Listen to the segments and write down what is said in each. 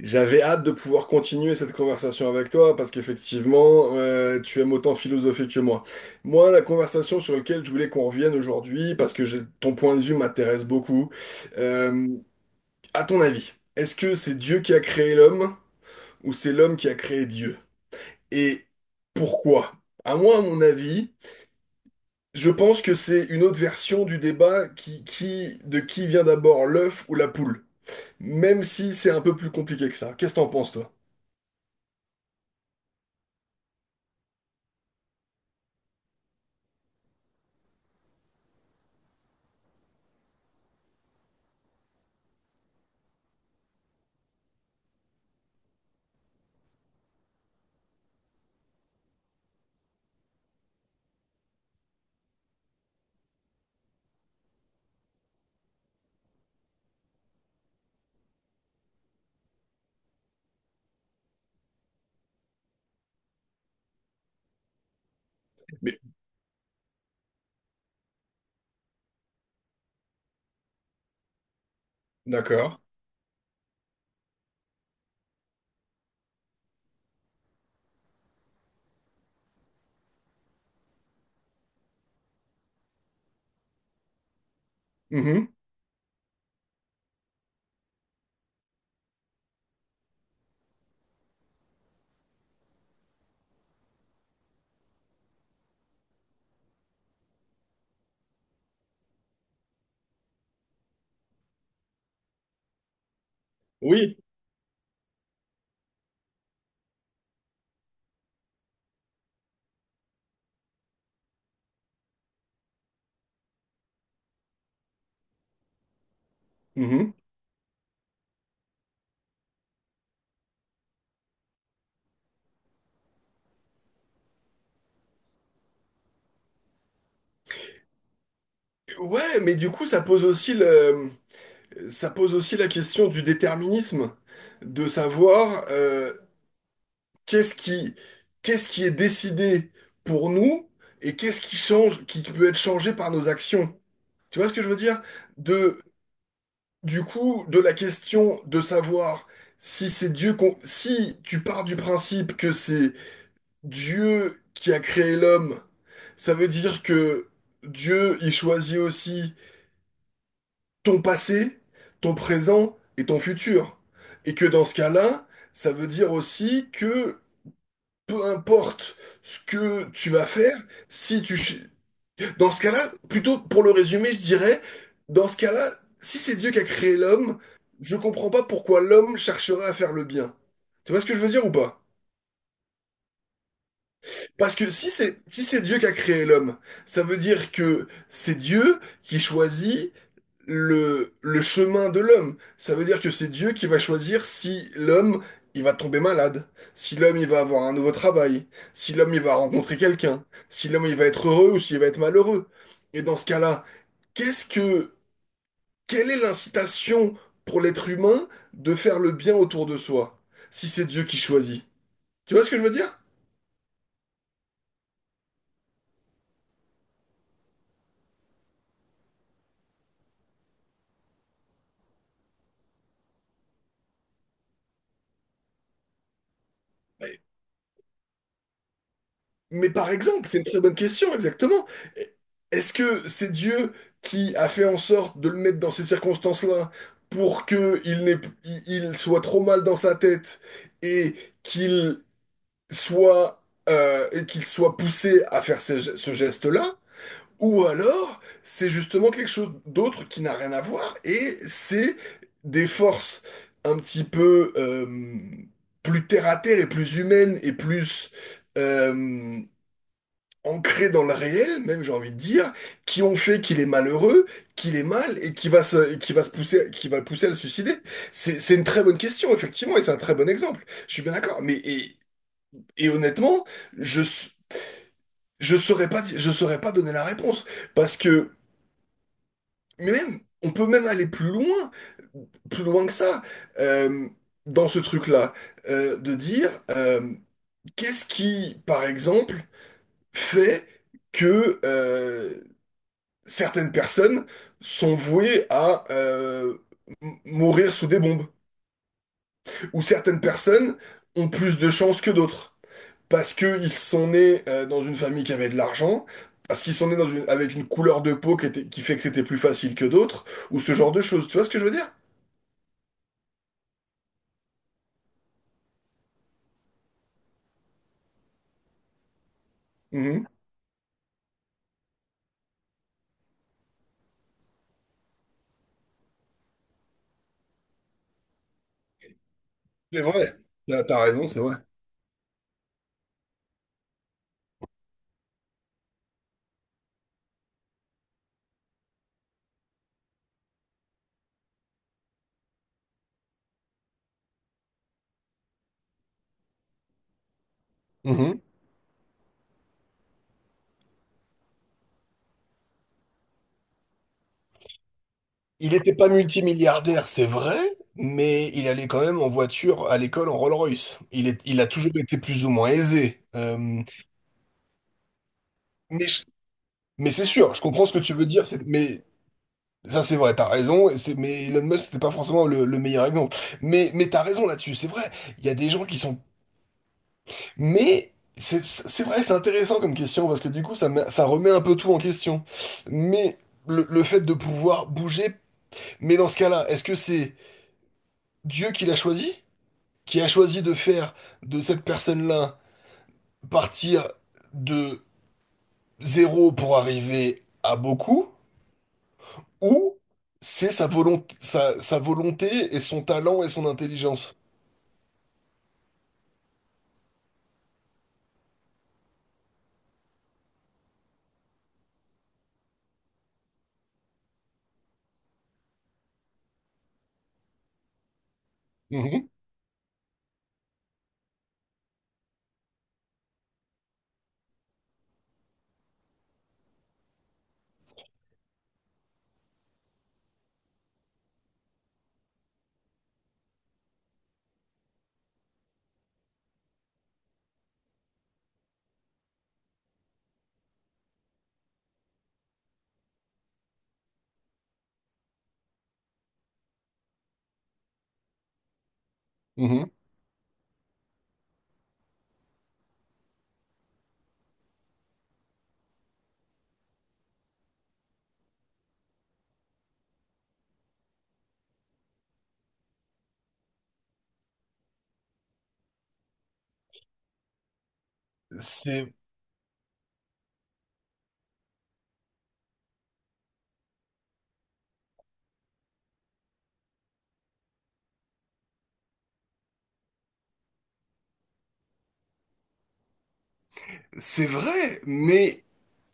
J'avais hâte de pouvoir continuer cette conversation avec toi parce qu'effectivement, tu aimes autant philosopher que moi. Moi, la conversation sur laquelle je voulais qu'on revienne aujourd'hui, parce que ton point de vue m'intéresse beaucoup, euh, à ton avis, est-ce que c'est Dieu qui a créé l'homme ou c'est l'homme qui a créé Dieu? Et pourquoi? À moi, à mon avis, je pense que c'est une autre version du débat de qui vient d'abord l'œuf ou la poule. Même si c'est un peu plus compliqué que ça. Qu'est-ce que t'en penses, toi? Mais- D'accord. Mhm. Oui. Mhm. Ouais, mais du coup, ça pose aussi la question du déterminisme, de savoir qu'est-ce qui, qu'est-ce qui est décidé pour nous et qu'est-ce qui change, qui peut être changé par nos actions. Tu vois ce que je veux dire? De, du coup, de la question de savoir si c'est si tu pars du principe que c'est Dieu qui a créé l'homme, ça veut dire que Dieu, il choisit aussi ton passé, ton présent et ton futur. Et que dans ce cas-là, ça veut dire aussi que peu importe ce que tu vas faire, si tu... ch- Dans ce cas-là, plutôt pour le résumer, je dirais, dans ce cas-là, si c'est Dieu qui a créé l'homme, je comprends pas pourquoi l'homme chercherait à faire le bien. Tu vois ce que je veux dire ou pas? Parce que si c'est Dieu qui a créé l'homme, ça veut dire que c'est Dieu qui choisit le chemin de l'homme. Ça veut dire que c'est Dieu qui va choisir si l'homme, il va tomber malade, si l'homme, il va avoir un nouveau travail, si l'homme, il va rencontrer quelqu'un, si l'homme, il va être heureux ou s'il va être malheureux. Et dans ce cas-là, qu'est-ce que, quelle est l'incitation pour l'être humain de faire le bien autour de soi, si c'est Dieu qui choisit? Tu vois ce que je veux dire? Mais par exemple, c'est une très bonne question, exactement. Est-ce que c'est Dieu qui a fait en sorte de le mettre dans ces circonstances-là pour que il n'ait- il soit trop mal dans sa tête et qu'il soit, qu'il soit poussé à faire ce geste-là? Ou alors, c'est justement quelque chose d'autre qui n'a rien à voir et c'est des forces un petit peu plus terre à terre et plus humaines et plus... euh, ancré dans le réel, même j'ai envie de dire, qui ont fait qu'il est malheureux, qu'il est mal et qui va se qui va le pousser à le suicider. C'est une très bonne question, effectivement, et c'est un très bon exemple. Je suis bien d'accord. Et honnêtement, je s- je saurais pas, je saurais pas donner la réponse parce que mais même on peut même aller plus loin que ça. Euh, dans ce truc-là, de dire qu'est-ce qui, par exemple, fait que certaines personnes sont vouées à mourir sous des bombes, ou certaines personnes ont plus de chances que d'autres, parce qu'ils sont nés dans une famille qui avait de l'argent, parce qu'ils sont nés avec une couleur de peau qui fait que c'était plus facile que d'autres, ou ce genre de choses. Tu vois ce que je veux dire? Mhm. C'est vrai, t'as raison, c'est vrai. Mhm. Il n'était pas multimilliardaire, c'est vrai, mais il allait quand même en voiture à l'école en Rolls-Royce. Il a toujours été plus ou moins aisé. Mais je- Mais c'est sûr, je comprends ce que tu veux dire, mais ça c'est vrai, t'as raison, mais Elon Musk c'était pas forcément le meilleur exemple. Mais t'as raison là-dessus, c'est vrai, il y a des gens qui sont... Mais c'est vrai, c'est intéressant comme question, parce que du coup ça remet un peu tout en question. Mais le fait de pouvoir bouger, mais dans ce cas-là, est-ce que c'est Dieu qui l'a choisi? Qui a choisi de faire de cette personne-là partir de zéro pour arriver à beaucoup? Ou c'est sa volonté et son talent et son intelligence. Mhm, mhm. C'est, c'est vrai, mais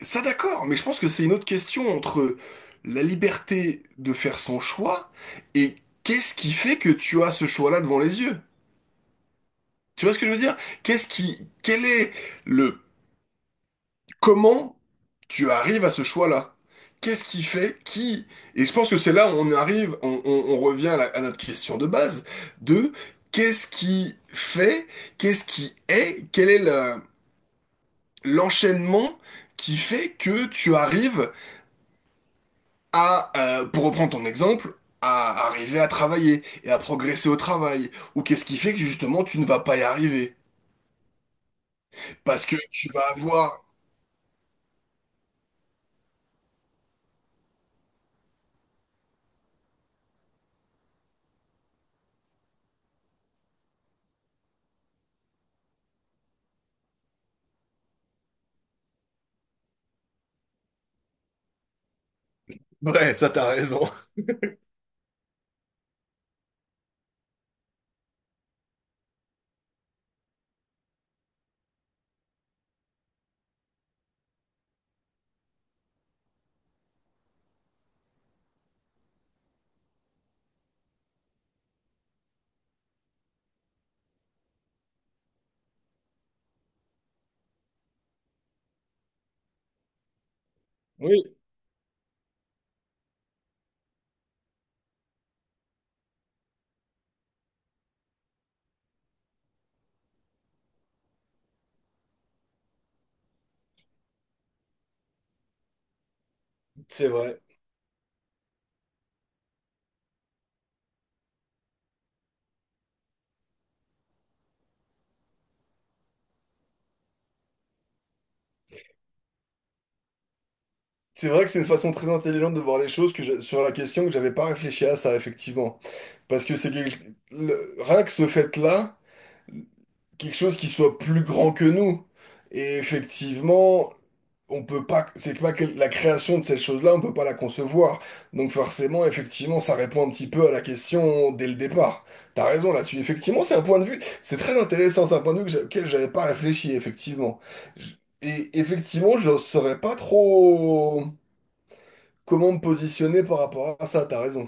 ça d'accord, mais je pense que c'est une autre question entre la liberté de faire son choix et qu'est-ce qui fait que tu as ce choix-là devant les yeux? Tu vois ce que je veux dire? Qu'est-ce qui, quel est le Comment tu arrives à ce choix-là? Qu'est-ce qui fait qui? Et je pense que c'est là où on arrive, on revient à, à notre question de base, de qu'est-ce qui fait, qu'est-ce qui est, quel est l'enchaînement qui fait que tu arrives à, pour reprendre ton exemple, à arriver à travailler et à progresser au travail, ou qu'est-ce qui fait que justement tu ne vas pas y arriver? Parce que tu vas avoir... Ouais, ça t'as raison. Oui, c'est vrai. C'est vrai que c'est une façon très intelligente de voir les choses sur la question que j'avais pas réfléchi à ça, effectivement. Parce que rien que ce fait-là, quelque chose qui soit plus grand que nous. Et effectivement, on peut pas, c'est pas que la création de cette chose-là, on peut pas la concevoir. Donc forcément, effectivement, ça répond un petit peu à la question dès le départ. T'as raison là-dessus. Effectivement, c'est un point de vue, c'est très intéressant, c'est un point de vue auquel j'avais pas réfléchi, effectivement. J- Et effectivement, je saurais pas trop comment me positionner par rapport à ça, t'as raison.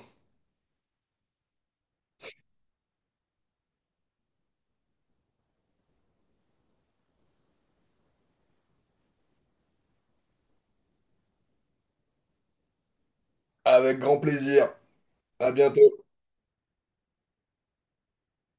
Avec grand plaisir. À bientôt.